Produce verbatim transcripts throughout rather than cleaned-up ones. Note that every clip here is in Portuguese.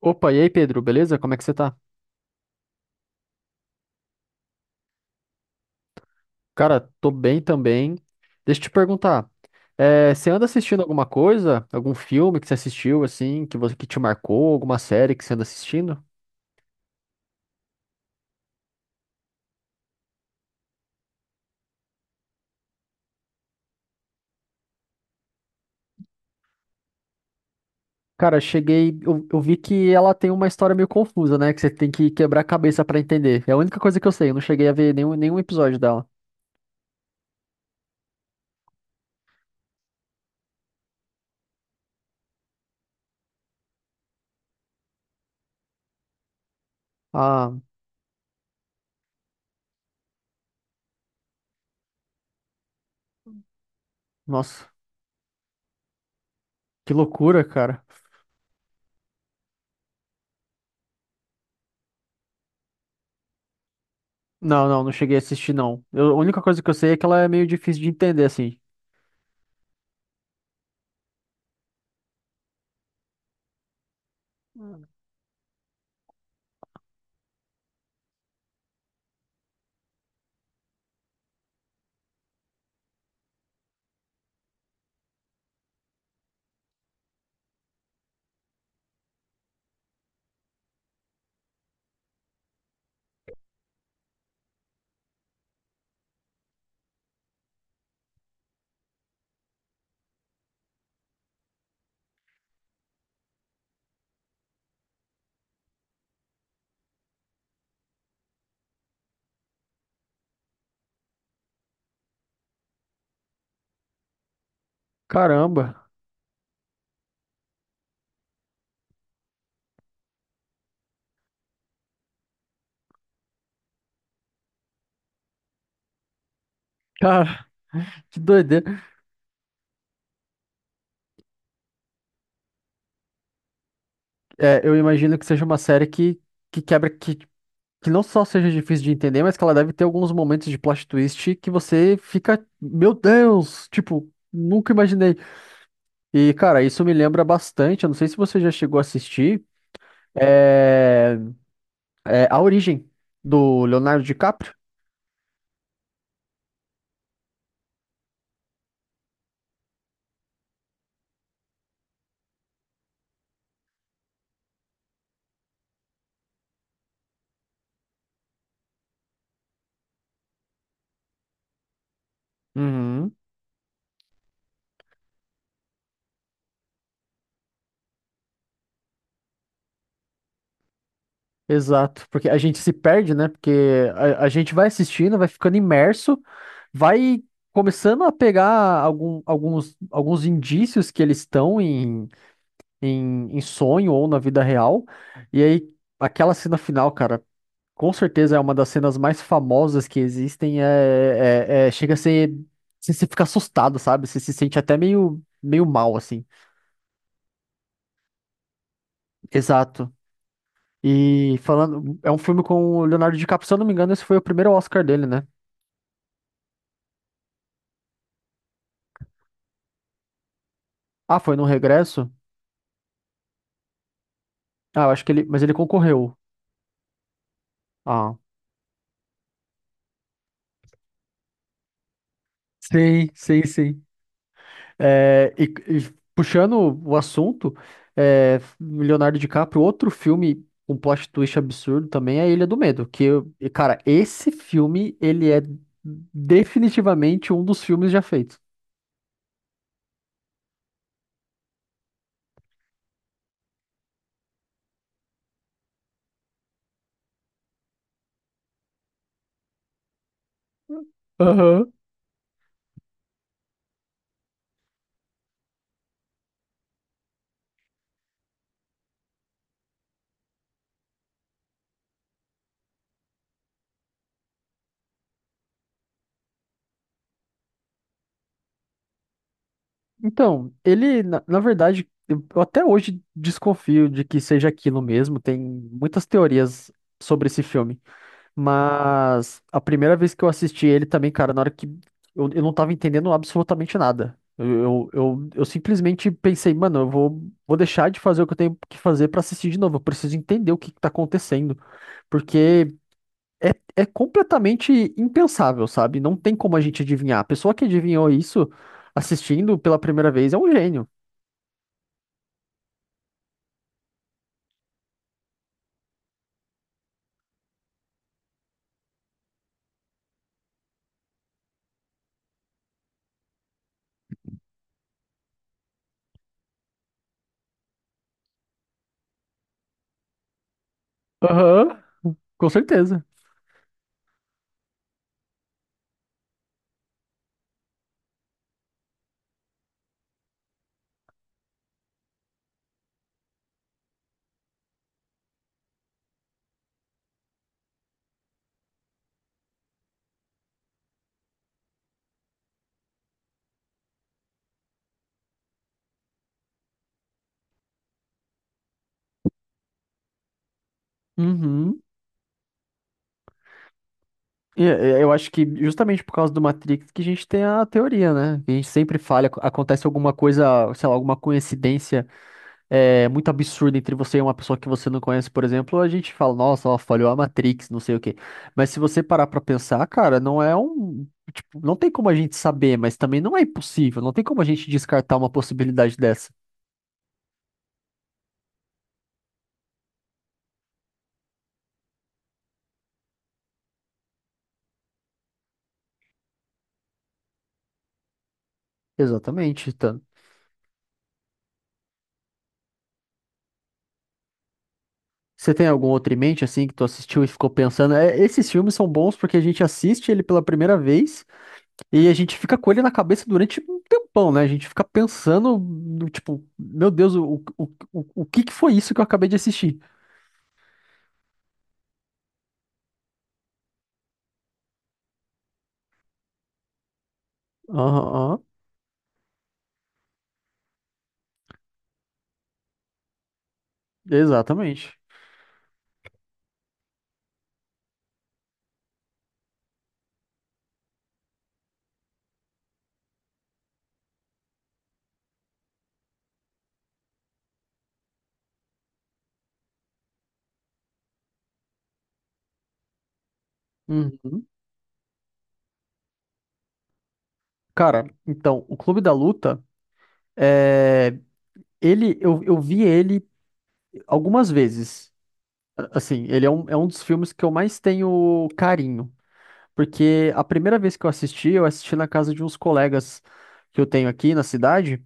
Opa, e aí, Pedro, beleza? Como é que você tá? Cara, tô bem também. Deixa eu te perguntar, eh, você anda assistindo alguma coisa? Algum filme que você assistiu, assim, que você que te marcou? Alguma série que você anda assistindo? Cara, cheguei, eu, eu vi que ela tem uma história meio confusa, né? Que você tem que quebrar a cabeça pra entender. É a única coisa que eu sei, eu não cheguei a ver nenhum, nenhum episódio dela. Ah, nossa, que loucura, cara. Não, não, não cheguei a assistir, não. Eu- a única coisa que eu sei é que ela é meio difícil de entender, assim. Caramba, cara, que doideira. É, eu imagino que seja uma série que, que quebra, que, que não só seja difícil de entender, mas que ela deve ter alguns momentos de plot twist que você fica, meu Deus, tipo, nunca imaginei. E, cara, isso me lembra bastante. Eu não sei se você já chegou a assistir, é, é A Origem, do Leonardo DiCaprio. Uhum. Exato, porque a gente se perde, né? Porque a, a gente vai assistindo, vai ficando imerso, vai começando a pegar algum- alguns, alguns indícios que eles estão em em, em sonho ou na vida real. E aí, aquela cena final, cara, com certeza é uma das cenas mais famosas que existem. É, é- é- chega a ser. Você se fica assustado, sabe? Você se sente até meio, meio mal, assim. Exato. E falando. É um filme com o Leonardo DiCaprio, se eu não me engano, esse foi o primeiro Oscar dele, né? Ah, foi no Regresso? Ah, eu acho que ele. Mas ele concorreu. Ah. Sim, sim, sim. É, e, e puxando o assunto, é, Leonardo DiCaprio, outro filme com plot twist absurdo também é Ilha do Medo. Que, eu- e, cara, esse filme, ele é definitivamente um dos filmes já feitos. Aham. Então, ele, na, na verdade, eu eu até hoje desconfio de que seja aquilo mesmo. Tem muitas teorias sobre esse filme. Mas a primeira vez que eu assisti ele também, cara, na hora que eu, eu não tava entendendo absolutamente nada. Eu, eu, eu, eu simplesmente pensei, mano, eu vou, vou deixar de fazer o que eu tenho que fazer pra assistir de novo. Eu preciso entender o que que tá acontecendo. Porque É, é completamente impensável, sabe? Não tem como a gente adivinhar. A pessoa que adivinhou isso assistindo pela primeira vez é um gênio. Aham. Com certeza. Uhum. E, e, Eu acho que justamente por causa do Matrix que a gente tem a teoria, né? Que a gente sempre falha, acontece alguma coisa, sei lá, alguma coincidência é, muito absurda entre você e uma pessoa que você não conhece. Por exemplo, a gente fala, nossa, ó, falhou a Matrix, não sei o quê. Mas se você parar pra pensar, cara, não é um. Tipo, não tem como a gente saber, mas também não é impossível. Não tem como a gente descartar uma possibilidade dessa. Exatamente, Tan. Você tem algum outro em mente, assim, que tu assistiu e ficou pensando? É, esses filmes são bons porque a gente assiste ele pela primeira vez. E a gente fica com ele na cabeça durante um tempão, né? A gente fica pensando, no tipo, meu Deus, o, o, o, o que que foi isso que eu acabei de assistir? Aham, aham, exatamente. Uhum. Cara, então, o Clube da Luta, é, ele, eu, eu vi ele algumas vezes. A- Assim, ele é um, é um dos filmes que eu mais tenho carinho. Porque a primeira vez que eu assisti, eu assisti na casa de uns colegas que eu tenho aqui na cidade.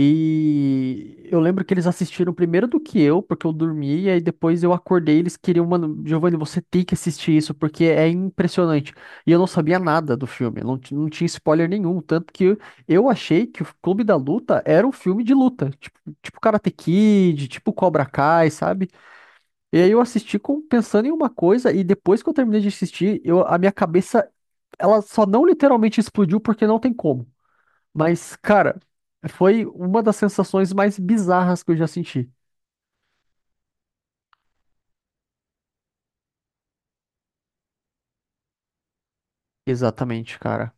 E eu lembro que eles assistiram primeiro do que eu, porque eu dormi, e aí depois eu acordei, e eles queriam, mano, Giovanni, você tem que assistir isso, porque é impressionante. E eu não sabia nada do filme, não, ti- não tinha spoiler nenhum, tanto que eu achei que o Clube da Luta era um filme de luta, tipo, tipo Karate Kid, tipo Cobra Kai, sabe? E aí eu assisti com, pensando em uma coisa, e depois que eu terminei de assistir, eu, a minha cabeça, ela só não literalmente explodiu, porque não tem como. Mas, cara, foi uma das sensações mais bizarras que eu já senti. Exatamente, cara.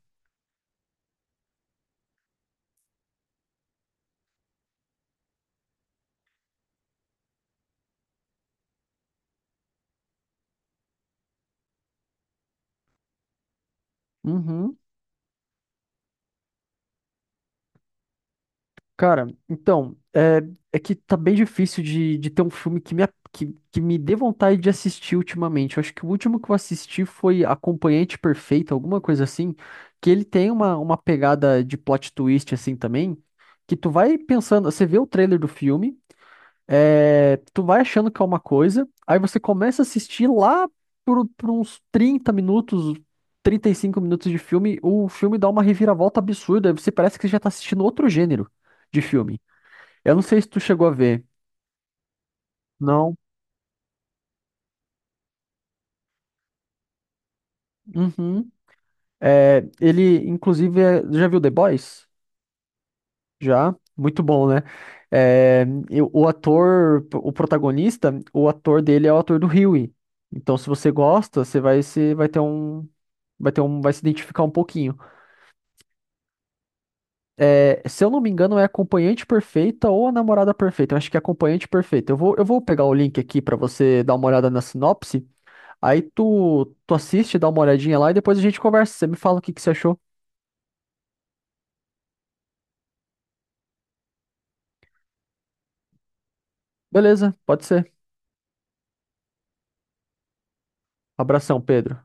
Uhum. Cara, então, é, é que tá bem difícil de, de ter um filme que me, a- que, que me dê vontade de assistir ultimamente. Eu acho que o último que eu assisti foi Acompanhante Perfeito, alguma coisa assim, que ele tem uma, uma pegada de plot twist assim também, que tu vai pensando. Você vê o trailer do filme. É, tu vai achando que é uma coisa, aí você começa a assistir lá por, por uns trinta minutos, trinta e cinco minutos de filme. O filme dá uma reviravolta absurda, aí você parece que já tá assistindo outro gênero de filme. Eu não sei se tu chegou a ver. Não. Uhum. É, ele, inclusive, é- já viu The Boys? Já, muito bom, né? É, e o ator, o protagonista, o ator dele é o ator do Huey. Então, se você gosta, você vai se, vai ter um, vai ter um, vai se identificar um pouquinho. É, se eu não me engano, é Acompanhante Perfeita ou A Namorada Perfeita. Eu acho que é Acompanhante Perfeita. Eu vou, eu vou pegar o link aqui pra você dar uma olhada na sinopse. Aí tu, tu assiste, dá uma olhadinha lá e depois a gente conversa. Você me fala o que que você achou. Beleza, pode ser. Abração, Pedro.